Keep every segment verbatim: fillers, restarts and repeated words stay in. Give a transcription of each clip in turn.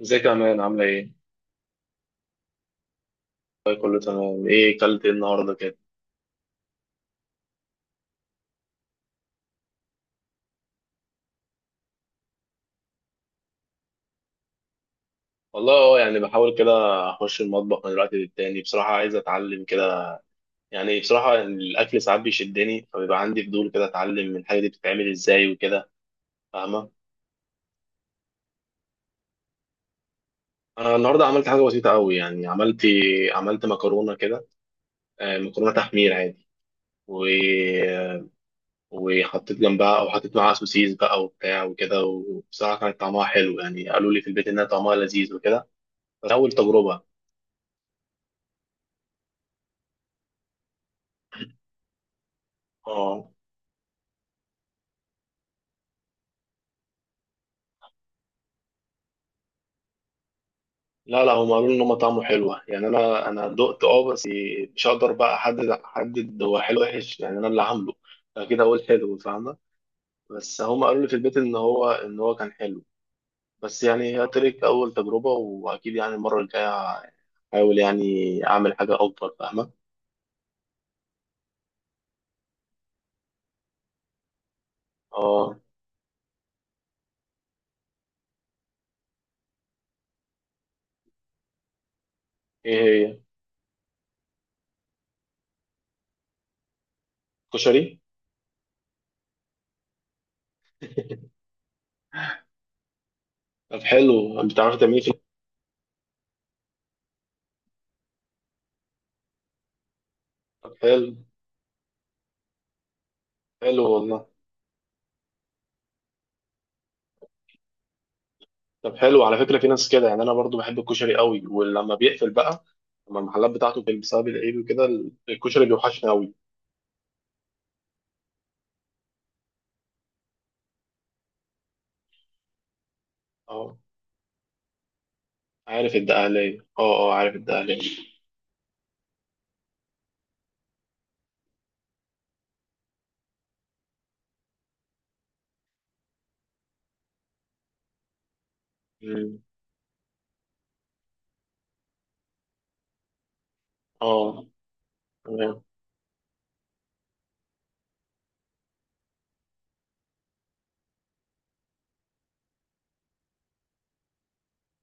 ازيك يا مان، عاملة ايه؟ طيب، كله تمام. ايه كلت ايه النهاردة كده؟ والله، اه يعني بحاول كده. اخش المطبخ من الوقت للتاني، بصراحة عايز اتعلم كده. يعني بصراحة، يعني الاكل ساعات بيشدني فبيبقى عندي فضول كده اتعلم الحاجة دي بتتعمل ازاي وكده. فاهمة؟ انا النهاردة عملت حاجة بسيطة قوي، يعني عملت عملت مكرونة كده. آه، مكرونة تحمير عادي. و... وحطيت جنبها، او حطيت معاها سوسيس بقى وبتاع وكده. وبصراحة كانت طعمها حلو، يعني قالوا لي في البيت انها طعمها لذيذ وكده. بس اول تجربة. اه لا، لا، هم قالوا لي ان هم طعمه حلوه، يعني انا انا دقت، اه بس مش هقدر بقى احدد احدد هو حلو وحش، يعني انا اللي عامله. فكده اقول حلو، فاهمه؟ بس هم قالوا لي في البيت ان هو ان هو كان حلو. بس يعني هي تريك اول تجربه، واكيد يعني المره الجايه احاول يعني اعمل حاجه افضل. فاهمه؟ اه. ايه هي؟ كشري. طب حلو، انت بتعرفي تعمليه في؟ طب حلو. حلو والله. طب حلو، على فكرة في ناس كده، يعني أنا برضو بحب الكشري قوي، ولما بيقفل بقى، لما المحلات بتاعته بتقفل بسبب العيد وكده، ال- الكشري بيوحشني قوي. اه، عارف الدقهلية. اه، اه، عارف الدقهلية. مم. اه، تمام.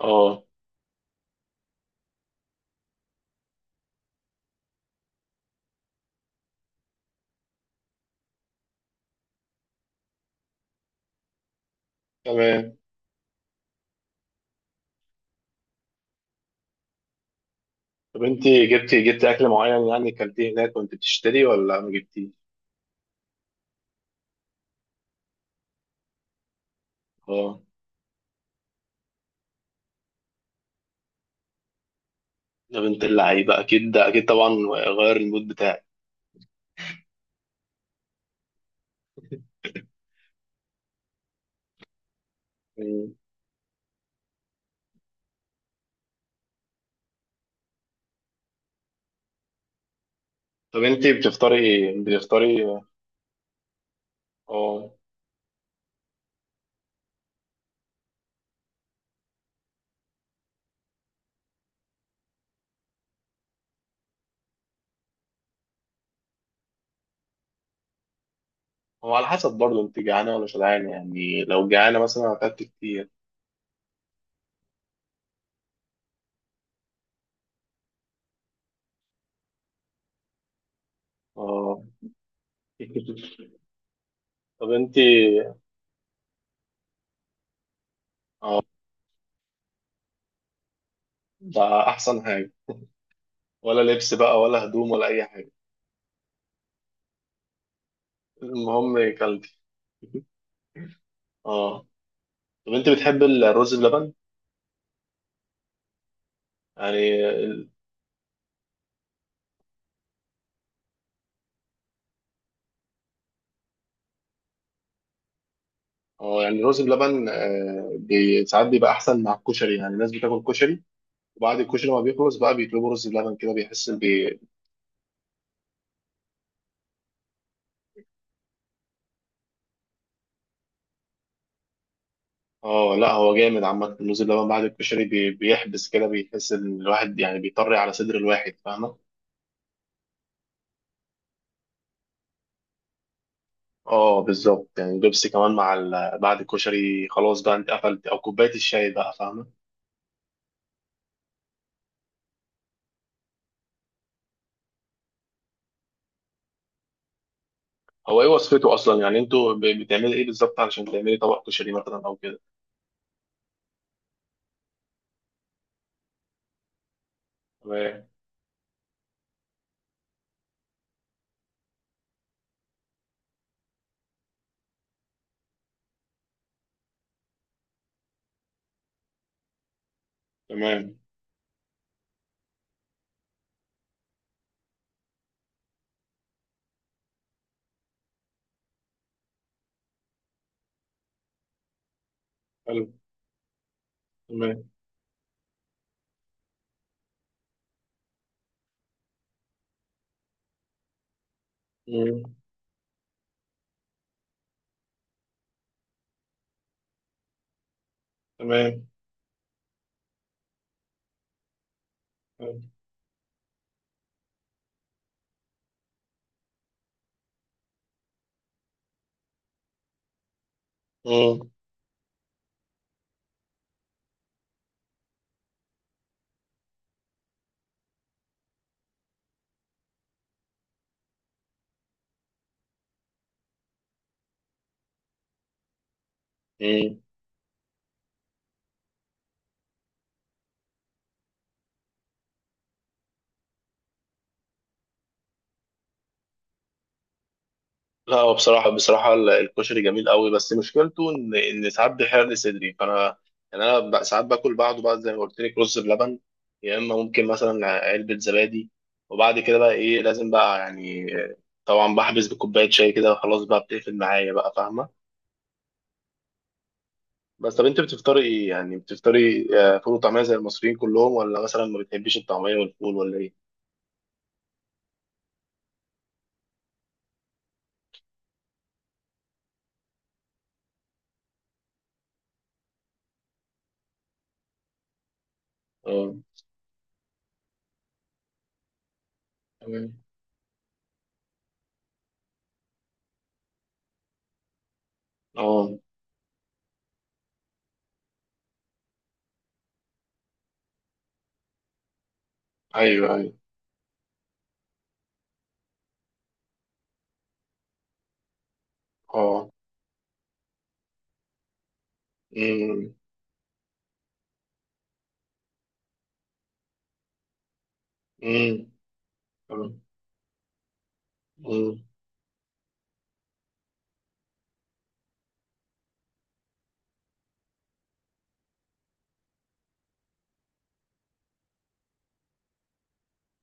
اه، تمام. طب أنت جبتي جبتي أكل معين، يعني أكلتيه هناك وأنت بتشتري، ولا ما جبتيه؟ اه، ده بنت اللعيبة أكيد، ده أكيد طبعا. غير المود بتاعك. مم. طب أنت بتفطري بتفطري. اه، هو على حسب برضه، انت جعانه ولا شبعانه؟ يعني لو جعانه مثلا هتاكل كتير. اه. طب انت. اه. ده احسن حاجه. ولا لبس بقى، ولا هدوم، ولا اي حاجه. المهم كلتي. اه. طب انت بتحب الرز بلبن؟ يعني ال- اه يعني الرز بلبن آه، بي- ساعات بيبقى احسن مع الكشري، يعني الناس بتاكل كشري، وبعد الكشري ما بيخلص بقى بيطلبوا رز بلبن كده، بيحس بي. اه، لا، هو جامد عامه الرز بلبن بعد الكشري بي... بيحبس كده، بيحس ان الواحد يعني بيطري على صدر الواحد. فاهمه؟ اه بالظبط، يعني بيبسي كمان مع ال... بعد الكشري خلاص بقى. انت قفلت، او كوبايه الشاي بقى. فاهمه؟ هو ايه وصفته اصلا، يعني انتوا ب- بتعملي ايه بالظبط علشان تعملي طبق كشري مثلا او كده؟ تمام. تمام. حلو. تمام. مم. تمام. مم. مم. لا، هو بصراحة بصراحة ال- الكشري جميل قوي، بس مشكلته ان ان ساعات بيحرق لي صدري، فانا يعني انا ب- ساعات باكل بعده بقى، زي ما قلت لك، رز بلبن، يا اما ممكن مثلا علبة زبادي. وبعد كده بقى ايه لازم بقى، يعني طبعا بحبس بكوباية شاي كده، وخلاص بقى بتقفل معايا بقى. فاهمة؟ بس، طب انت بتفطري ايه؟ يعني بتفطري آه، فول وطعمية زي المصريين كلهم، ولا مثلا ما بتحبيش الطعمية والفول، ولا ايه؟ اه، تمام. اه. ايوه، ايوه. اه. امم. امم. تمام.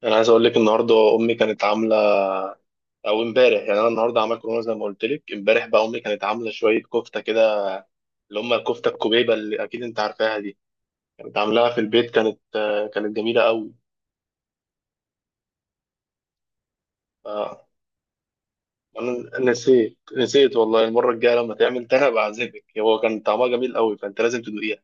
انا عايز اقول لك النهارده امي كانت عامله، او امبارح، يعني انا النهارده عملت كورونا زي ما قلت لك. امبارح بقى امي كانت عامله شويه كفته كده، اللي هم الكفته الكوبيبه اللي اكيد انت عارفاها دي، كانت عاملاها في البيت. كانت آه، كانت جميله قوي. آه، انا نسيت نسيت والله. المره الجايه لما تعمل تاني ابقى اعزمك. هو كان طعمها جميل قوي، فانت لازم تدوقيها.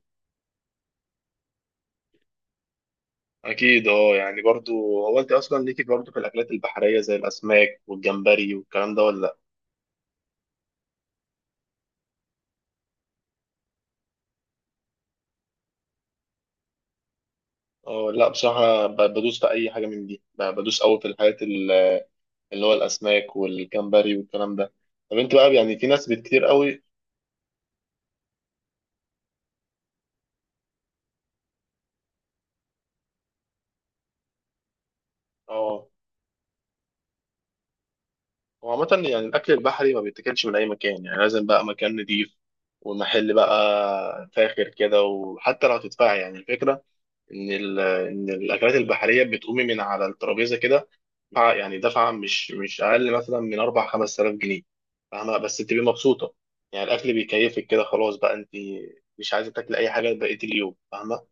اكيد، اه، يعني برضو. هو انت اصلا ليكي برضو في الاكلات البحريه زي الاسماك والجمبري والكلام ده، ولا لا؟ اه، لا بصراحه ب- بدوس في اي حاجه من دي. ب- بدوس قوي في الحاجات اللي هو الاسماك والجمبري والكلام ده. طب انت بقى يعني في ناس كتير قوي. اه، هو عامه يعني الاكل البحري ما بيتاكلش من اي مكان، يعني لازم بقى مكان نضيف ومحل بقى فاخر كده، وحتى لو هتدفعي. يعني الفكره ان ال- ان الاكلات البحريه بتقومي من على الترابيزه كده، دفعة- يعني دفعه مش مش اقل مثلا من اربع خمسة آلاف جنيه. فاهمه؟ بس تبقي مبسوطه، يعني الاكل بيكيفك كده، خلاص بقى انت مش عايزه تاكلي اي حاجه بقيه اليوم. فاهمه؟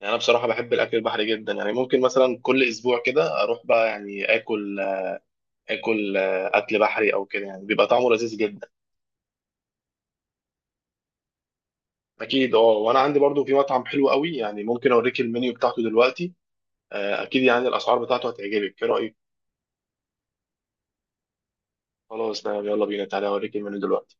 يعني انا بصراحه بحب الاكل البحري جدا، يعني ممكن مثلا كل اسبوع كده اروح بقى يعني اكل اكل اكل بحري او كده، يعني بيبقى طعمه لذيذ جدا. اكيد، اه. وانا عندي برضو في مطعم حلو قوي، يعني ممكن اوريك المنيو بتاعته دلوقتي. آه، اكيد يعني الاسعار بتاعته هتعجبك. ايه رايك؟ خلاص تمام، يلا بينا. تعالى اوريك المنيو دلوقتي.